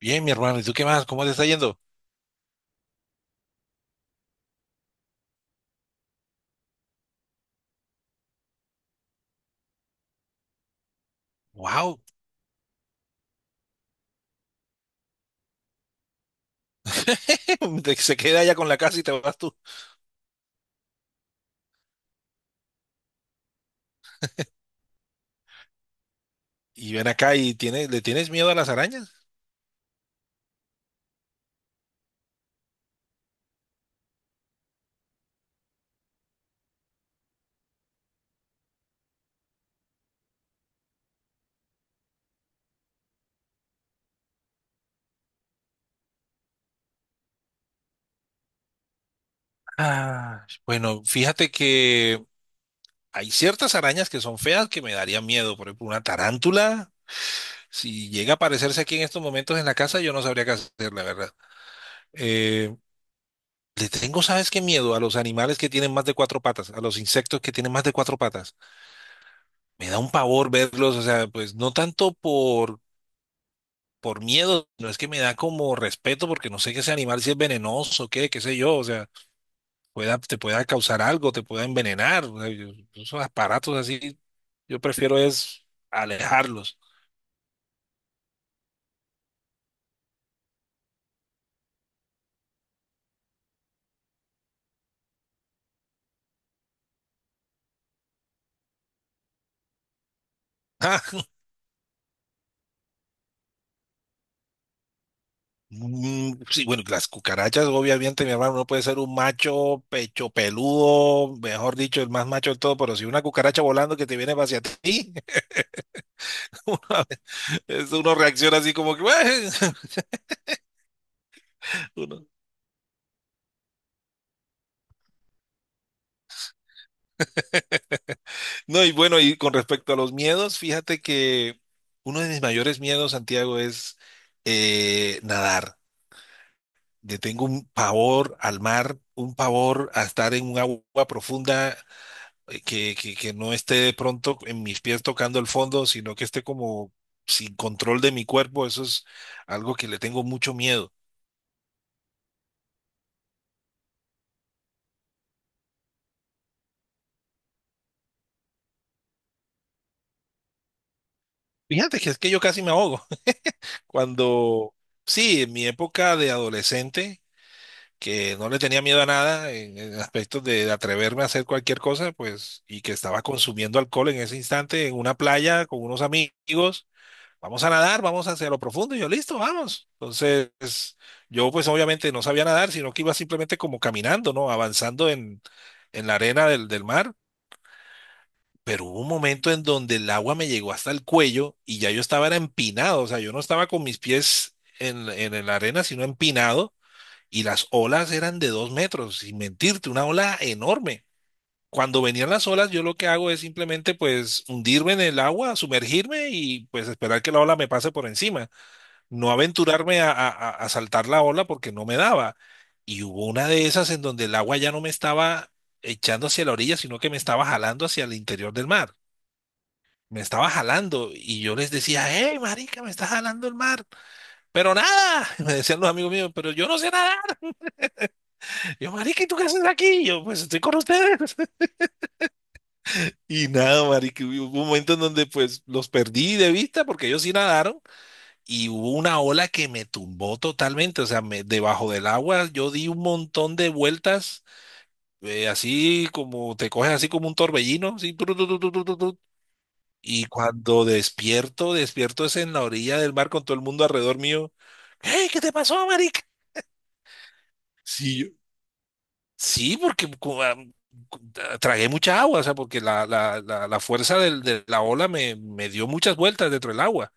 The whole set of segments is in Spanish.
Bien, mi hermano, ¿y tú qué más? ¿Cómo te está yendo? ¡Wow! Se queda allá con la casa y te vas tú. Y ven acá y tiene, ¿le tienes miedo a las arañas? Ah, bueno, fíjate que hay ciertas arañas que son feas que me darían miedo. Por ejemplo, una tarántula, si llega a aparecerse aquí en estos momentos en la casa, yo no sabría qué hacer, la verdad. Eh, Le tengo, ¿sabes qué miedo? A los animales que tienen más de cuatro patas, a los insectos que tienen más de cuatro patas. Me da un pavor verlos, o sea, pues no tanto por miedo. No es que me da como respeto porque no sé que ese animal si es venenoso, qué, qué sé yo. O sea, pueda, te pueda causar algo, te pueda envenenar. O sea, esos aparatos así, yo prefiero es alejarlos. Ah, sí, bueno, las cucarachas, obviamente, mi hermano, no puede ser un macho pecho peludo, mejor dicho, el más macho de todo, pero si una cucaracha volando que te viene hacia ti, uno, uno reacciona así como que, "Ué", uno- No, y bueno, y con respecto a los miedos, fíjate que uno de mis mayores miedos, Santiago, es nadar. Le tengo un pavor al mar, un pavor a estar en un agua profunda, que no esté de pronto en mis pies tocando el fondo, sino que esté como sin control de mi cuerpo. Eso es algo que le tengo mucho miedo. Fíjate que es que yo casi me ahogo. Cuando, sí, en mi época de adolescente que no le tenía miedo a nada en aspectos de atreverme a hacer cualquier cosa, pues, y que estaba consumiendo alcohol en ese instante en una playa con unos amigos. Vamos a nadar, vamos hacia lo profundo. Y yo, listo, vamos. Entonces, yo pues obviamente no sabía nadar, sino que iba simplemente como caminando, ¿no? Avanzando en la arena del mar. Pero hubo un momento en donde el agua me llegó hasta el cuello y ya yo estaba era empinado. O sea, yo no estaba con mis pies en la arena, sino empinado, y las olas eran de 2 metros, sin mentirte, una ola enorme. Cuando venían las olas, yo lo que hago es simplemente pues hundirme en el agua, sumergirme y pues esperar que la ola me pase por encima. No aventurarme a saltar la ola porque no me daba. Y hubo una de esas en donde el agua ya no me estaba echando hacia la orilla, sino que me estaba jalando hacia el interior del mar. Me estaba jalando y yo les decía, hey, marica, me está jalando el mar. Pero nada, me decían los amigos míos, pero yo no sé nada. Yo, marica, ¿y tú qué haces aquí? Y yo, pues estoy con ustedes. Y nada, marica, hubo un momento en donde pues los perdí de vista porque ellos sí nadaron y hubo una ola que me tumbó totalmente. O sea, debajo del agua yo di un montón de vueltas, así como te coges así como un torbellino, así, tru, tru, tru, tru, tru, tru, tru. Y cuando despierto, despierto es en la orilla del mar con todo el mundo alrededor mío. Hey, ¿qué te pasó, marica? Sí, yo, sí, porque cu- tragué mucha agua. O sea, porque la fuerza de la ola me dio muchas vueltas dentro del agua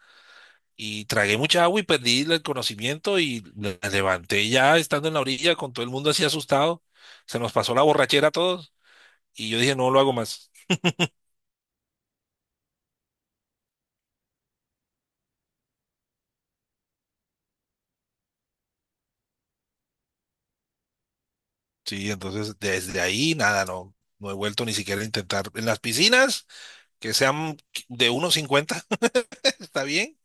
y tragué mucha agua y perdí el conocimiento y me levanté ya estando en la orilla con todo el mundo así asustado. Se nos pasó la borrachera a todos y yo dije, no lo hago más. Sí, entonces desde ahí nada, no, no he vuelto ni siquiera a intentar. En las piscinas, que sean de 1,50 está bien.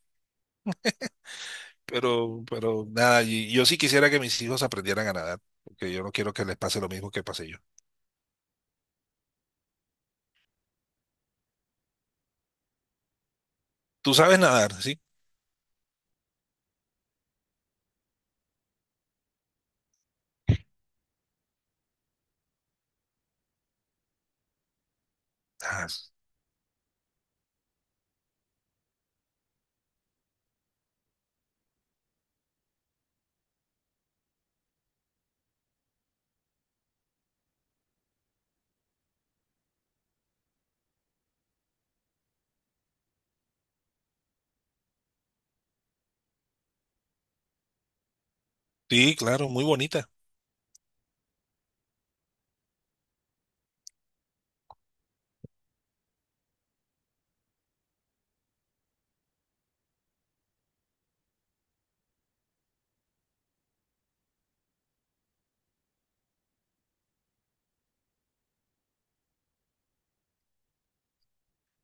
Pero nada, yo sí quisiera que mis hijos aprendieran a nadar, porque yo no quiero que les pase lo mismo que pasé yo. ¿Tú sabes nadar, sí? Ah, sí, claro, muy bonita.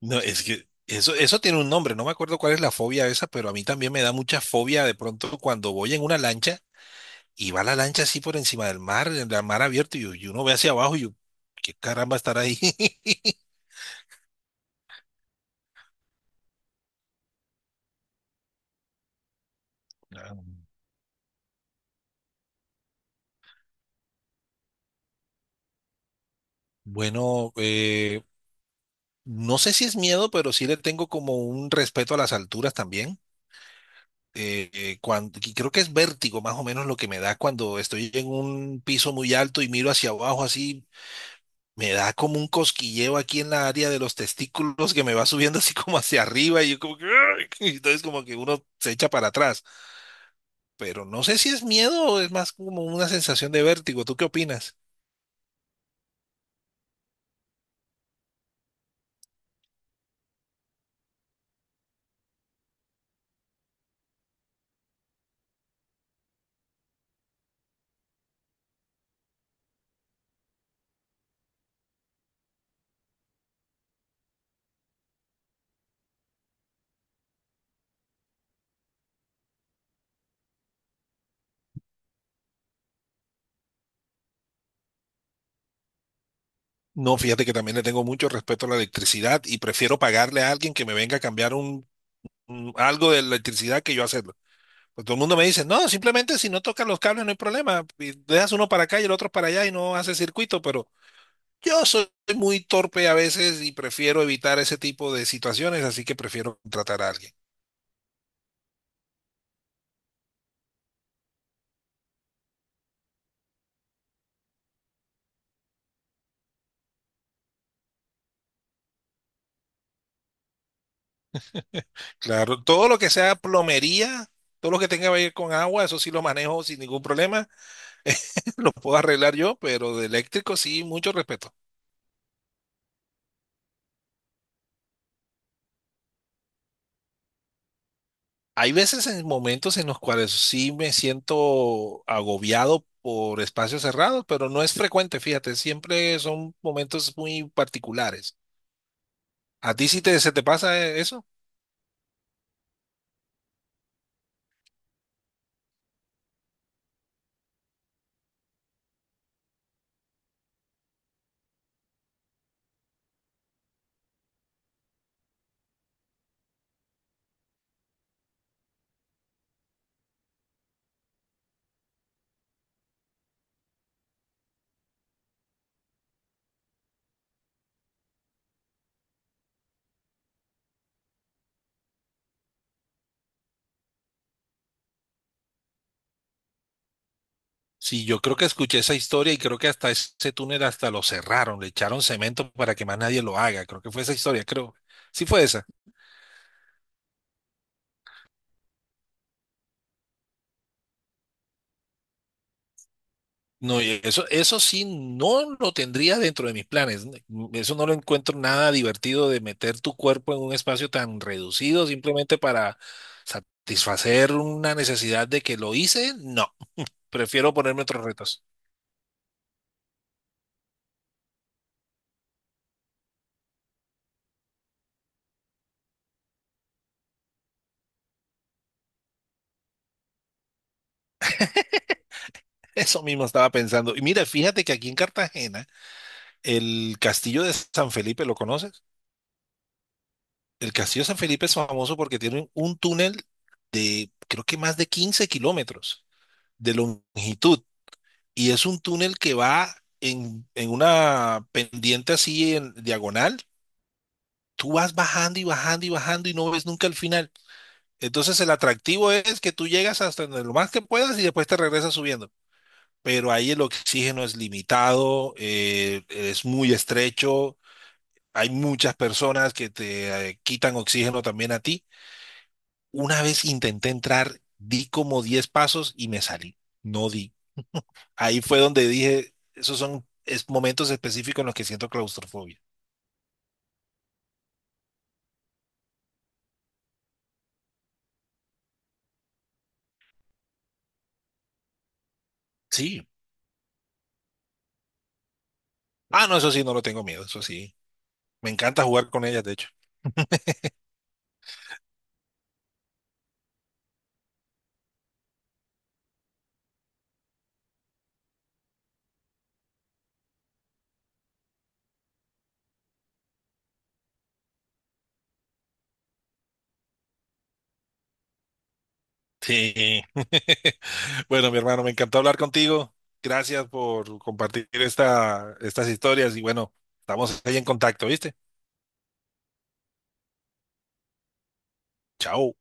No, es que eso tiene un nombre, no me acuerdo cuál es la fobia esa, pero a mí también me da mucha fobia de pronto cuando voy en una lancha y va la lancha así por encima del mar, en el mar abierto, y uno ve hacia abajo y yo, ¿qué caramba estar ahí? Ah, Bueno, no sé si es miedo, pero sí le tengo como un respeto a las alturas también. Cuando, y creo que es vértigo más o menos lo que me da cuando estoy en un piso muy alto y miro hacia abajo así, me da como un cosquilleo aquí en la área de los testículos que me va subiendo así como hacia arriba y yo como que, "Ay", y entonces como que uno se echa para atrás, pero no sé si es miedo o es más como una sensación de vértigo. ¿Tú qué opinas? No, fíjate que también le tengo mucho respeto a la electricidad y prefiero pagarle a alguien que me venga a cambiar algo de electricidad que yo hacerlo. Pues todo el mundo me dice, no, simplemente si no tocas los cables no hay problema. Y dejas uno para acá y el otro para allá y no hace circuito, pero yo soy muy torpe a veces y prefiero evitar ese tipo de situaciones, así que prefiero contratar a alguien. Claro, todo lo que sea plomería, todo lo que tenga que ver con agua, eso sí lo manejo sin ningún problema, lo puedo arreglar yo, pero de eléctrico sí, mucho respeto. Hay veces en momentos en los cuales sí me siento agobiado por espacios cerrados, pero no es frecuente, fíjate, siempre son momentos muy particulares. ¿A ti sí te, se te pasa eso? Sí, yo creo que escuché esa historia y creo que hasta ese túnel hasta lo cerraron, le echaron cemento para que más nadie lo haga. Creo que fue esa historia, creo. Sí fue esa. No, y eso sí no lo tendría dentro de mis planes. Eso no lo encuentro nada divertido de meter tu cuerpo en un espacio tan reducido simplemente para satisfacer una necesidad de que lo hice. No, prefiero ponerme otros retos. Eso mismo estaba pensando. Y mira, fíjate que aquí en Cartagena, el castillo de San Felipe, ¿lo conoces? El castillo de San Felipe es famoso porque tiene un túnel de creo que más de 15 kilómetros de longitud, y es un túnel que va en una pendiente así en diagonal. Tú vas bajando y bajando y bajando y no ves nunca el final. Entonces el atractivo es que tú llegas hasta donde lo más que puedas y después te regresas subiendo. Pero ahí el oxígeno es limitado, es muy estrecho, hay muchas personas que te quitan oxígeno también a ti. Una vez intenté entrar, di como 10 pasos y me salí. No di. Ahí fue donde dije, esos son es momentos específicos en los que siento claustrofobia. Sí. Ah, no, eso sí, no lo tengo miedo, eso sí. Me encanta jugar con ellas, de hecho. Sí. Bueno, mi hermano, me encantó hablar contigo. Gracias por compartir esta, estas historias y bueno, estamos ahí en contacto, ¿viste? Chao.